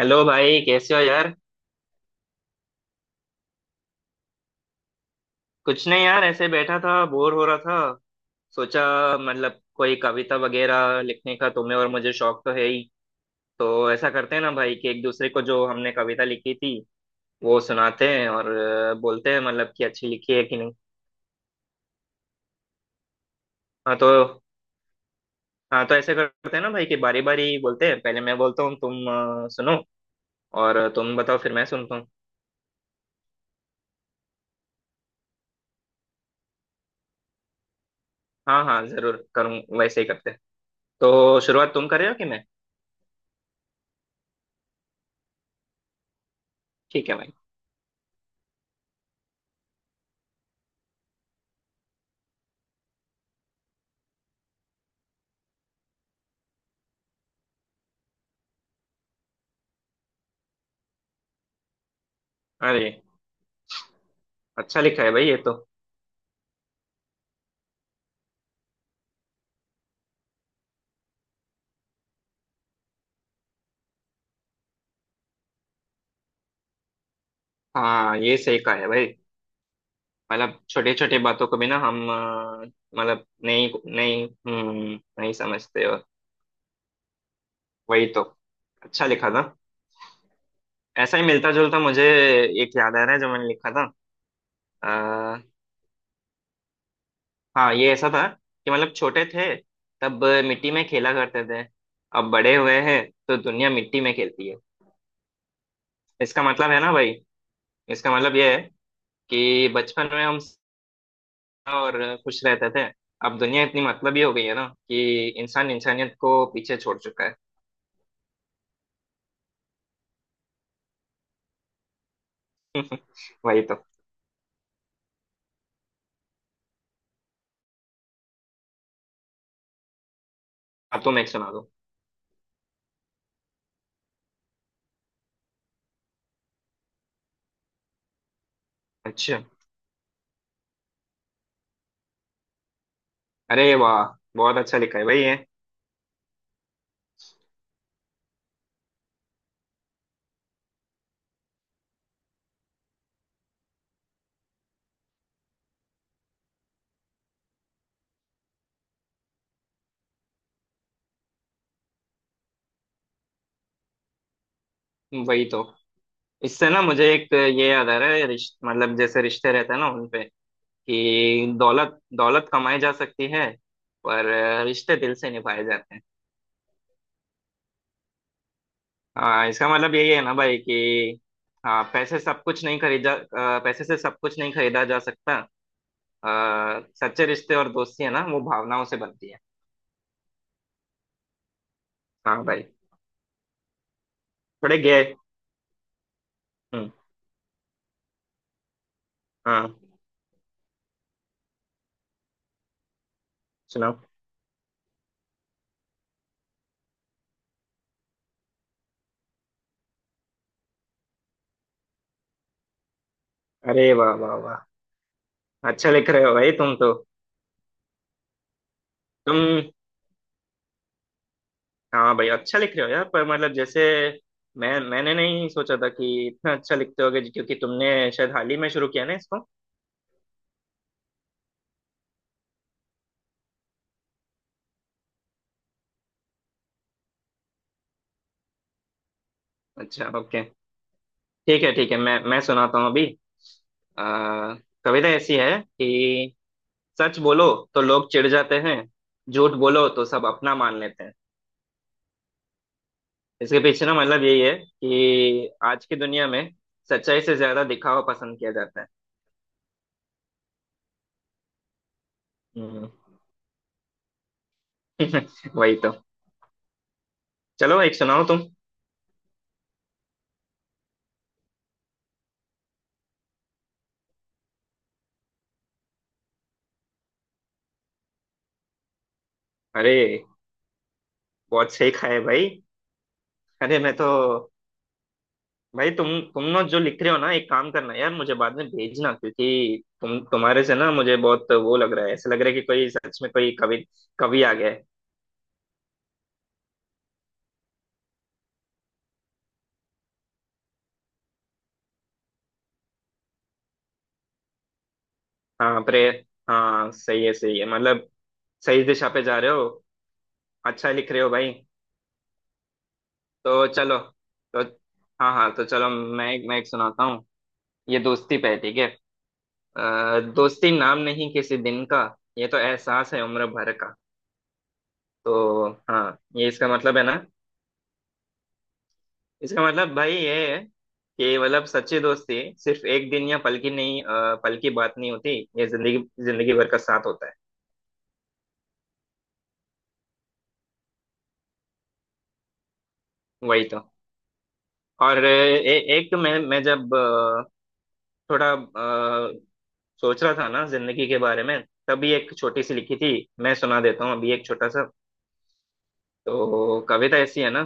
Hello भाई, कैसे हो यार। कुछ नहीं यार, ऐसे बैठा था, बोर हो रहा था। सोचा, मतलब कोई कविता वगैरह लिखने का तुम्हें और मुझे शौक तो है ही। तो ऐसा करते हैं ना भाई कि एक दूसरे को जो हमने कविता लिखी थी वो सुनाते हैं और बोलते हैं मतलब कि अच्छी लिखी है कि नहीं। हाँ तो। हाँ तो ऐसे करते हैं ना भाई कि बारी बारी बोलते हैं, पहले मैं बोलता हूँ, तुम सुनो। और तुम बताओ, फिर मैं सुनता हूँ। हाँ हाँ जरूर करूँ, वैसे ही करते हैं। तो शुरुआत तुम कर रहे हो कि मैं? ठीक है भाई। अरे, अच्छा लिखा है भाई ये तो। हाँ ये सही कहा है भाई। मतलब छोटे छोटे बातों को भी ना हम मतलब नहीं। नहीं। हम्म। नहीं समझते हो। वही तो। अच्छा लिखा था। ऐसा ही मिलता जुलता मुझे एक याद आ रहा है जो मैंने लिखा था। आ, हाँ ये ऐसा था कि मतलब छोटे थे, तब मिट्टी में खेला करते थे। अब बड़े हुए हैं, तो दुनिया मिट्टी में खेलती है। इसका मतलब है ना भाई, इसका मतलब ये है कि बचपन में हम और खुश रहते थे। अब दुनिया इतनी मतलबी हो गई है ना कि इंसान इंसानियत को पीछे छोड़ चुका है। वही तो। अब तुम एक सुना दो। अच्छा। अरे वाह, बहुत अच्छा लिखा है भाई ये। वही तो। इससे ना मुझे एक ये याद आ रहा है, मतलब जैसे रिश्ते रहते हैं ना उनपे कि दौलत दौलत कमाई जा सकती है, पर रिश्ते दिल से निभाए जाते हैं। हाँ इसका मतलब यही है ना भाई कि हाँ पैसे सब कुछ नहीं खरीदा, पैसे से सब कुछ नहीं खरीदा जा सकता। सच्चे रिश्ते और दोस्ती है ना वो भावनाओं से बनती है। हाँ भाई। थोड़े गए। हम्म। हाँ। सुनाओ। अरे वाह वाह वाह, अच्छा लिख रहे हो भाई तुम तो। तुम। हाँ भाई अच्छा लिख रहे हो यार, पर मतलब जैसे मैंने नहीं सोचा था कि इतना अच्छा लिखते होगे, क्योंकि तुमने शायद हाल ही में शुरू किया ना इसको। अच्छा ओके। ठीक है मैं सुनाता हूँ अभी। आ, कविता ऐसी है कि सच बोलो तो लोग चिढ़ जाते हैं, झूठ बोलो तो सब अपना मान लेते हैं। इसके पीछे ना मतलब यही है कि आज की दुनिया में सच्चाई से ज्यादा दिखावा पसंद किया जाता है। हम्म। वही तो। चलो एक सुनाओ तुम। अरे बहुत सही खाए भाई। अरे मैं तो। भाई तुम ना जो लिख रहे हो ना, एक काम करना यार, मुझे बाद में भेजना, क्योंकि तुम्हारे से ना मुझे बहुत वो लग रहा है, ऐसा लग रहा है कि कोई सच में कोई कवि कवि आ गया है। हाँ प्रेर हाँ सही है सही है, मतलब सही दिशा पे जा रहे हो। अच्छा लिख रहे हो भाई। तो चलो। तो हाँ हाँ, तो चलो मैं एक सुनाता हूँ। ये दोस्ती पे है, ठीक है। दोस्ती नाम नहीं किसी दिन का, ये तो एहसास है उम्र भर का। तो हाँ ये, इसका मतलब है ना। इसका मतलब भाई ये है कि मतलब सच्ची दोस्ती सिर्फ एक दिन या पल की नहीं, पल की बात नहीं होती, ये जिंदगी जिंदगी भर का साथ होता है। वही तो। और एक मैं जब थोड़ा सोच रहा था ना जिंदगी के बारे में, तभी एक छोटी सी लिखी थी। मैं सुना देता हूँ अभी एक छोटा सा। तो कविता ऐसी है ना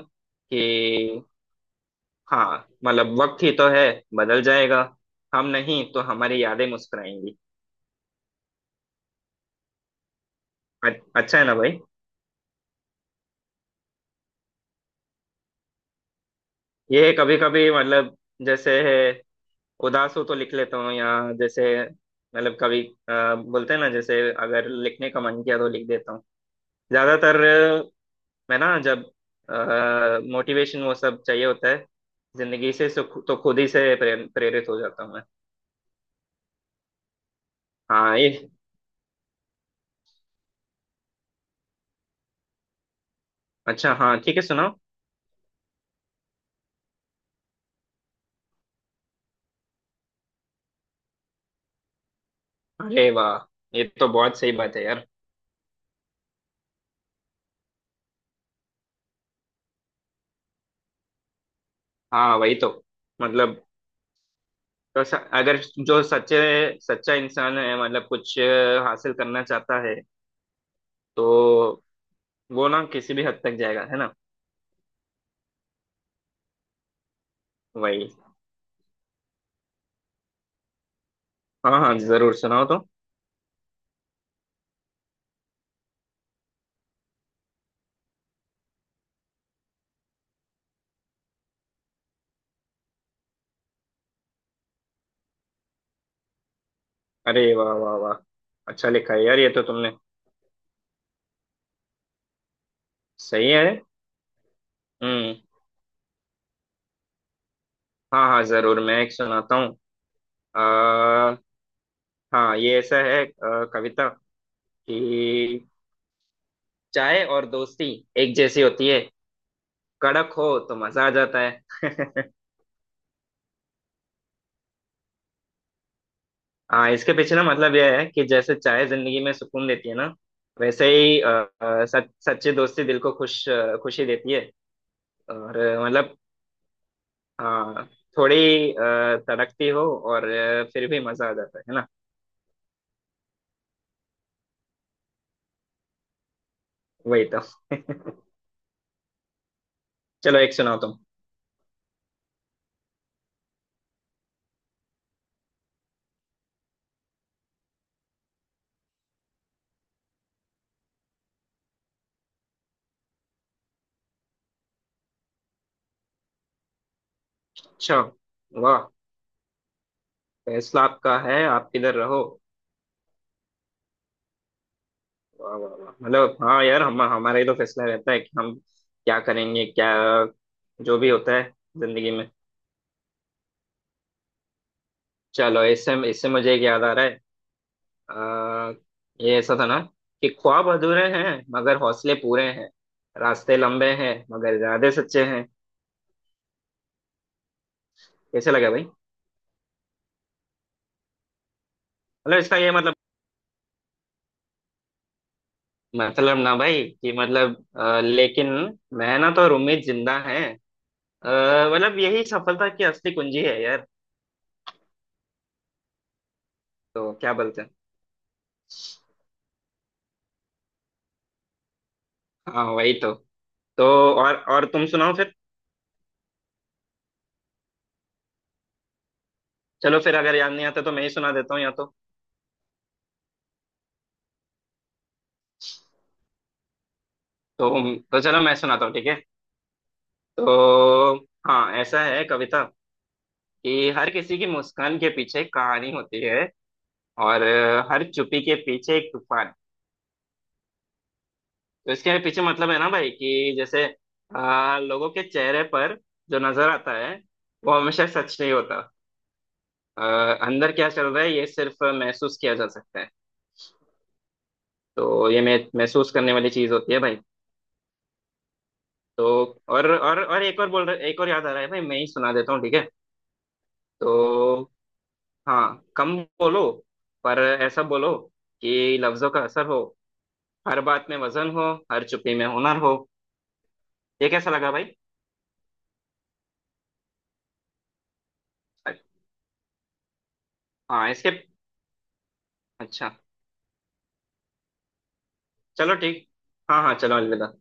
कि हाँ मतलब वक्त ही तो है, बदल जाएगा। हम नहीं तो हमारी यादें मुस्कुराएंगी। अ- अच्छा है ना भाई। ये कभी कभी मतलब, जैसे उदास हो तो लिख लेता हूँ, या जैसे मतलब कभी बोलते हैं ना, जैसे अगर लिखने का मन किया तो लिख देता हूँ। ज्यादातर मैं ना जब मोटिवेशन वो सब चाहिए होता है, जिंदगी से तो खुद ही से प्रेरित हो जाता हूँ मैं। हाँ ये। अच्छा हाँ ठीक है, सुनाओ। अरे वाह, ये तो बहुत सही बात है यार। हाँ वही तो। मतलब तो अगर जो सच्चे सच्चा इंसान है, मतलब कुछ हासिल करना चाहता है, तो वो ना किसी भी हद तक जाएगा, है ना। वही। हाँ हाँ जरूर, सुनाओ तो। अरे वाह वाह वाह, अच्छा लिखा है यार ये तो तुमने। सही है। हम्म। हाँ हाँ जरूर, मैं एक सुनाता हूँ। आ, हाँ ये ऐसा है, कविता कि चाय और दोस्ती एक जैसी होती है, कड़क हो तो मजा आ जाता है। हाँ इसके पीछे ना मतलब यह है कि जैसे चाय जिंदगी में सुकून देती है ना, वैसे ही सच्ची दोस्ती दिल को खुश खुशी देती है। और मतलब हाँ, थोड़ी तड़कती हो और फिर भी मजा आ जाता है ना। वही तो। चलो एक सुनाओ तुम। अच्छा। वाह। फैसला आपका है, आप किधर रहो। वाह वाह वाह, मतलब हाँ यार हम, हमारा ही तो फैसला रहता है कि हम क्या करेंगे, क्या जो भी होता है जिंदगी में। चलो इससे इससे मुझे एक याद आ रहा है। अ, ये ऐसा था ना कि ख्वाब अधूरे हैं मगर हौसले पूरे हैं, रास्ते लंबे हैं मगर इरादे सच्चे हैं। कैसे लगा भाई? मतलब इसका ये मतलब, मतलब ना भाई कि मतलब लेकिन मेहनत और उम्मीद जिंदा है, मतलब यही सफलता की असली कुंजी है यार। तो क्या बोलते हैं? हाँ वही तो। तो और तुम सुनाओ फिर। चलो फिर, अगर याद नहीं आता तो मैं ही सुना देता हूँ या तो। तो तो चलो मैं सुनाता हूँ, ठीक है। तो हाँ ऐसा है कविता कि हर किसी की मुस्कान के पीछे एक कहानी होती है, और हर चुप्पी के पीछे एक तूफान। तो इसके पीछे मतलब है ना भाई कि जैसे लोगों के चेहरे पर जो नजर आता है वो हमेशा सच नहीं होता। अ, अंदर क्या चल रहा है, ये सिर्फ महसूस किया जा सकता है। तो ये महसूस करने वाली चीज होती है भाई। तो और एक और बोल रहे, एक और याद आ रहा है भाई, मैं ही सुना देता हूँ ठीक है। तो हाँ, कम बोलो पर ऐसा बोलो कि लफ्जों का असर हो, हर बात में वजन हो, हर चुप्पी में हुनर हो। ये कैसा लगा भाई? हाँ इसके। अच्छा। चलो ठीक। हाँ हाँ चलो अलविदा।